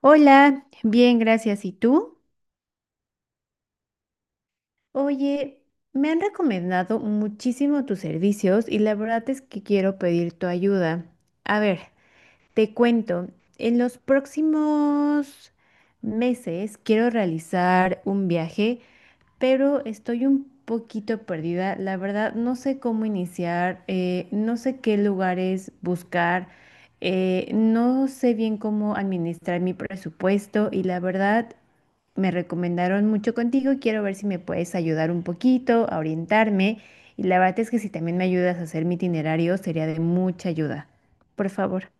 Hola, bien, gracias. ¿Y tú? Oye, me han recomendado muchísimo tus servicios y la verdad es que quiero pedir tu ayuda. A ver, te cuento, en los próximos meses quiero realizar un viaje, pero estoy un poquito perdida. La verdad, no sé cómo iniciar, no sé qué lugares buscar, no sé bien cómo administrar mi presupuesto y la verdad, me recomendaron mucho contigo y quiero ver si me puedes ayudar un poquito, a orientarme, y la verdad es que si también me ayudas a hacer mi itinerario, sería de mucha ayuda. Por favor.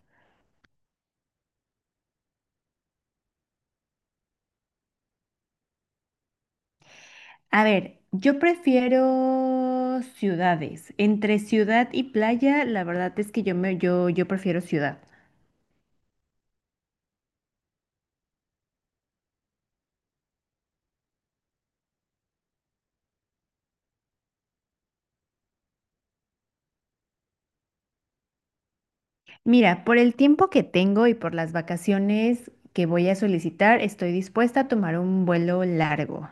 A ver, yo prefiero ciudades. Entre ciudad y playa, la verdad es que yo prefiero ciudad. Mira, por el tiempo que tengo y por las vacaciones que voy a solicitar, estoy dispuesta a tomar un vuelo largo.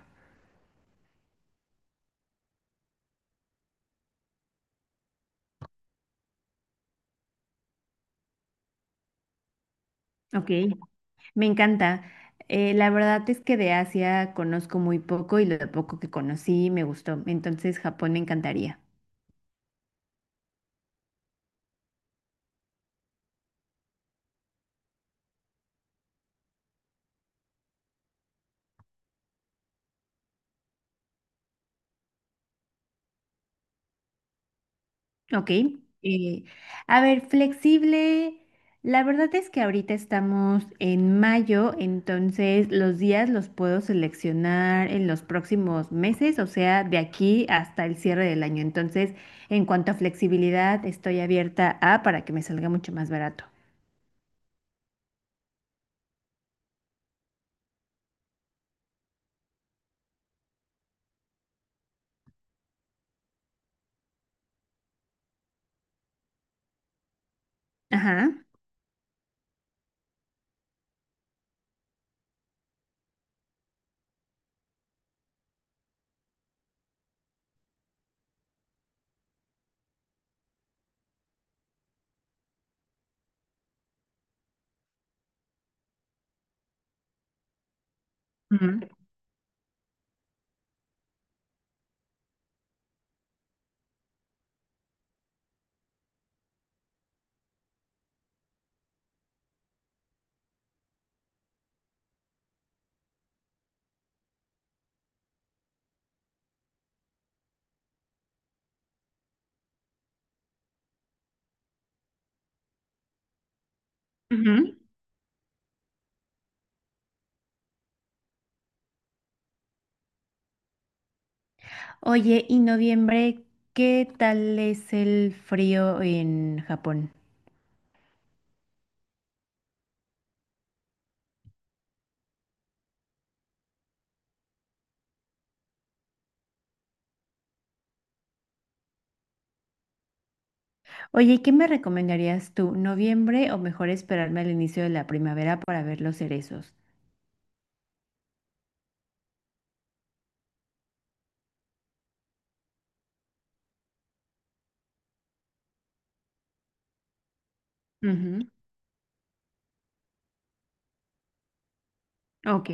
Ok, me encanta. La verdad es que de Asia conozco muy poco y lo poco que conocí me gustó. Entonces, Japón me encantaría. Ok. eh, a ver, flexible. La verdad es que ahorita estamos en mayo, entonces los días los puedo seleccionar en los próximos meses, o sea, de aquí hasta el cierre del año. Entonces, en cuanto a flexibilidad, estoy abierta a para que me salga mucho más barato. Ajá. Ujú, ujú. Oye, ¿y noviembre qué tal es el frío en Japón? Oye, ¿qué me recomendarías tú? ¿Noviembre o mejor esperarme al inicio de la primavera para ver los cerezos? Ujú. Ok.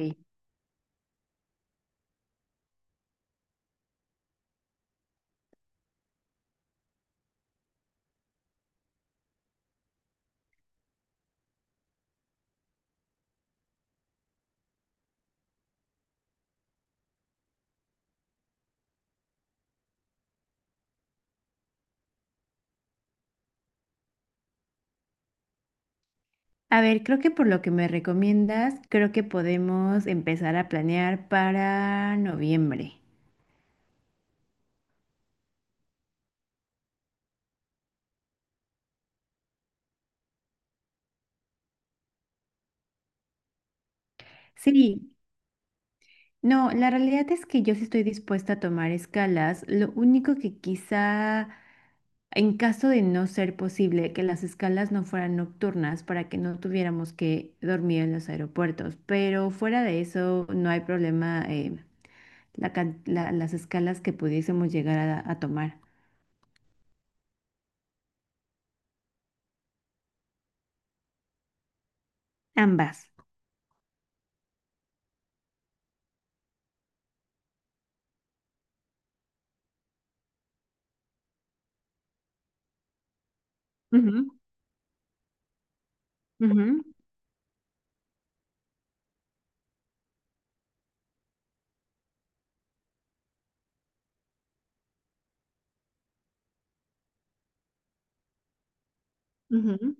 A ver, creo que por lo que me recomiendas, creo que podemos empezar a planear para noviembre. Sí, no, la realidad es que yo sí estoy dispuesta a tomar escalas. Lo único que quizá, en caso de no ser posible, que las escalas no fueran nocturnas para que no tuviéramos que dormir en los aeropuertos. Pero fuera de eso, no hay problema, las escalas que pudiésemos llegar a tomar, ambas. Ujú, ujú, ujú.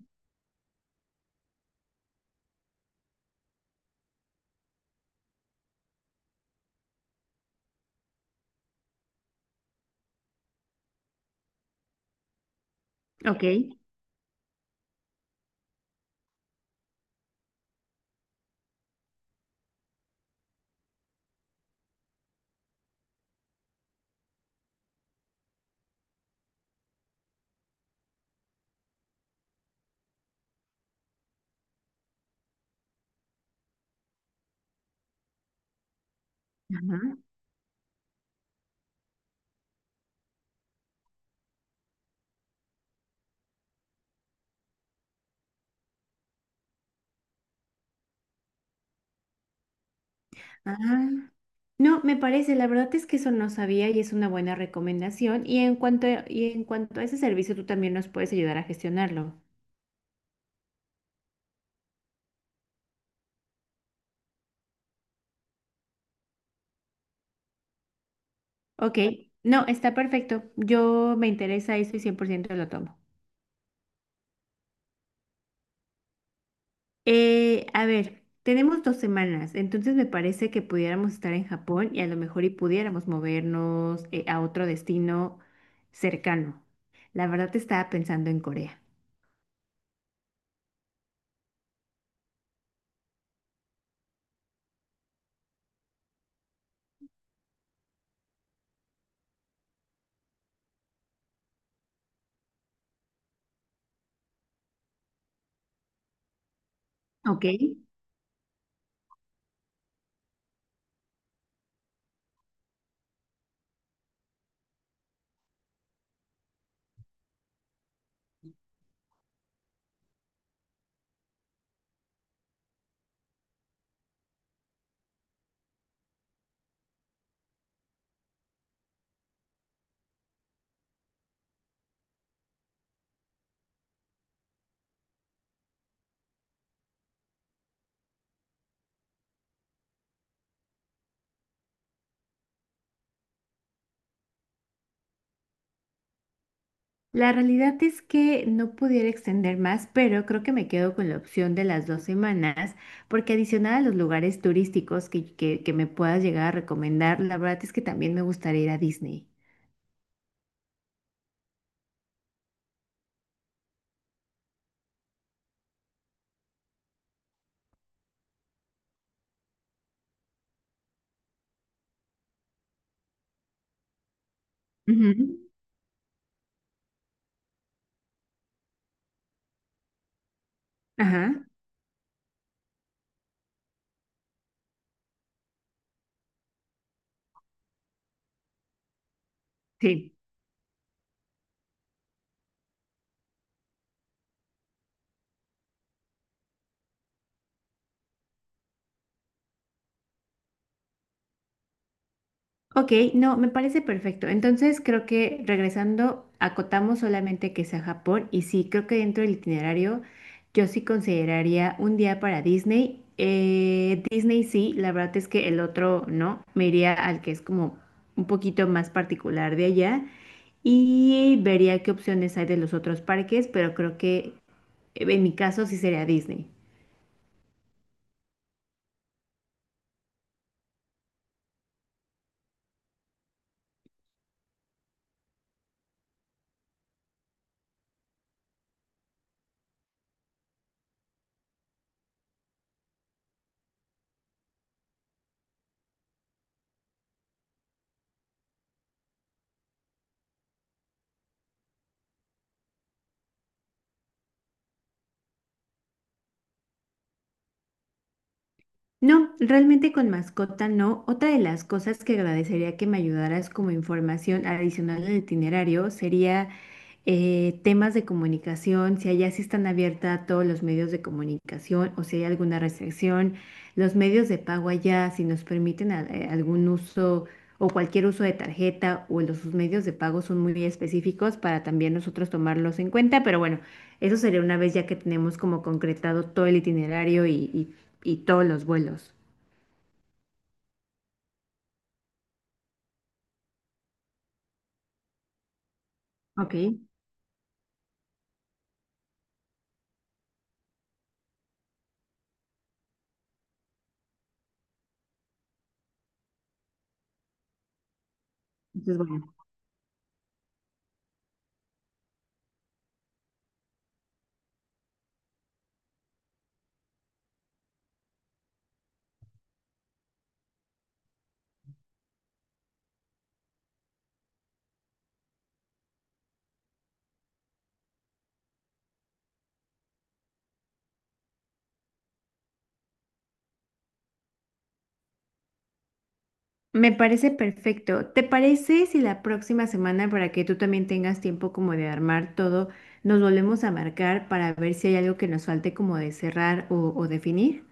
Ok. Ajá. Ah, no, me parece, la verdad es que eso no sabía y es una buena recomendación. Y en cuanto a ese servicio, tú también nos puedes ayudar a gestionarlo. Ok, no, está perfecto. Yo me interesa eso y 100% lo tomo. A ver, tenemos dos semanas, entonces me parece que pudiéramos estar en Japón y a lo mejor y pudiéramos movernos a otro destino cercano. La verdad estaba pensando en Corea. Ok. La realidad es que no pudiera extender más, pero creo que me quedo con la opción de las dos semanas, porque adicional a los lugares turísticos que me puedas llegar a recomendar, la verdad es que también me gustaría ir a Disney. Ujú. Ajá, sí. Ok, no, me parece perfecto. Entonces creo que regresando, acotamos solamente que sea Japón y sí, creo que dentro del itinerario yo sí consideraría un día para Disney. Disney sí, la verdad es que el otro no, me iría al que es como un poquito más particular de allá y vería qué opciones hay de los otros parques, pero creo que en mi caso sí sería Disney. No, realmente con mascota no. Otra de las cosas que agradecería que me ayudaras como información adicional al itinerario sería temas de comunicación, si allá sí están abiertas a todos los medios de comunicación o si hay alguna restricción, los medios de pago allá, si nos permiten algún uso o cualquier uso de tarjeta o los sus medios de pago son muy específicos para también nosotros tomarlos en cuenta, pero bueno, eso sería una vez ya que tenemos como concretado todo el itinerario y todos los vuelos. Ok, entonces bueno. Me parece perfecto. ¿Te parece si la próxima semana, para que tú también tengas tiempo como de armar todo, nos volvemos a marcar para ver si hay algo que nos falte como de cerrar o definir?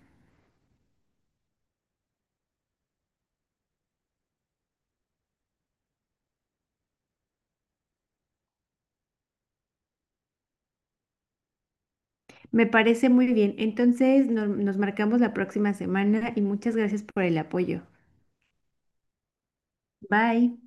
Me parece muy bien. Entonces nos marcamos la próxima semana y muchas gracias por el apoyo. Bye.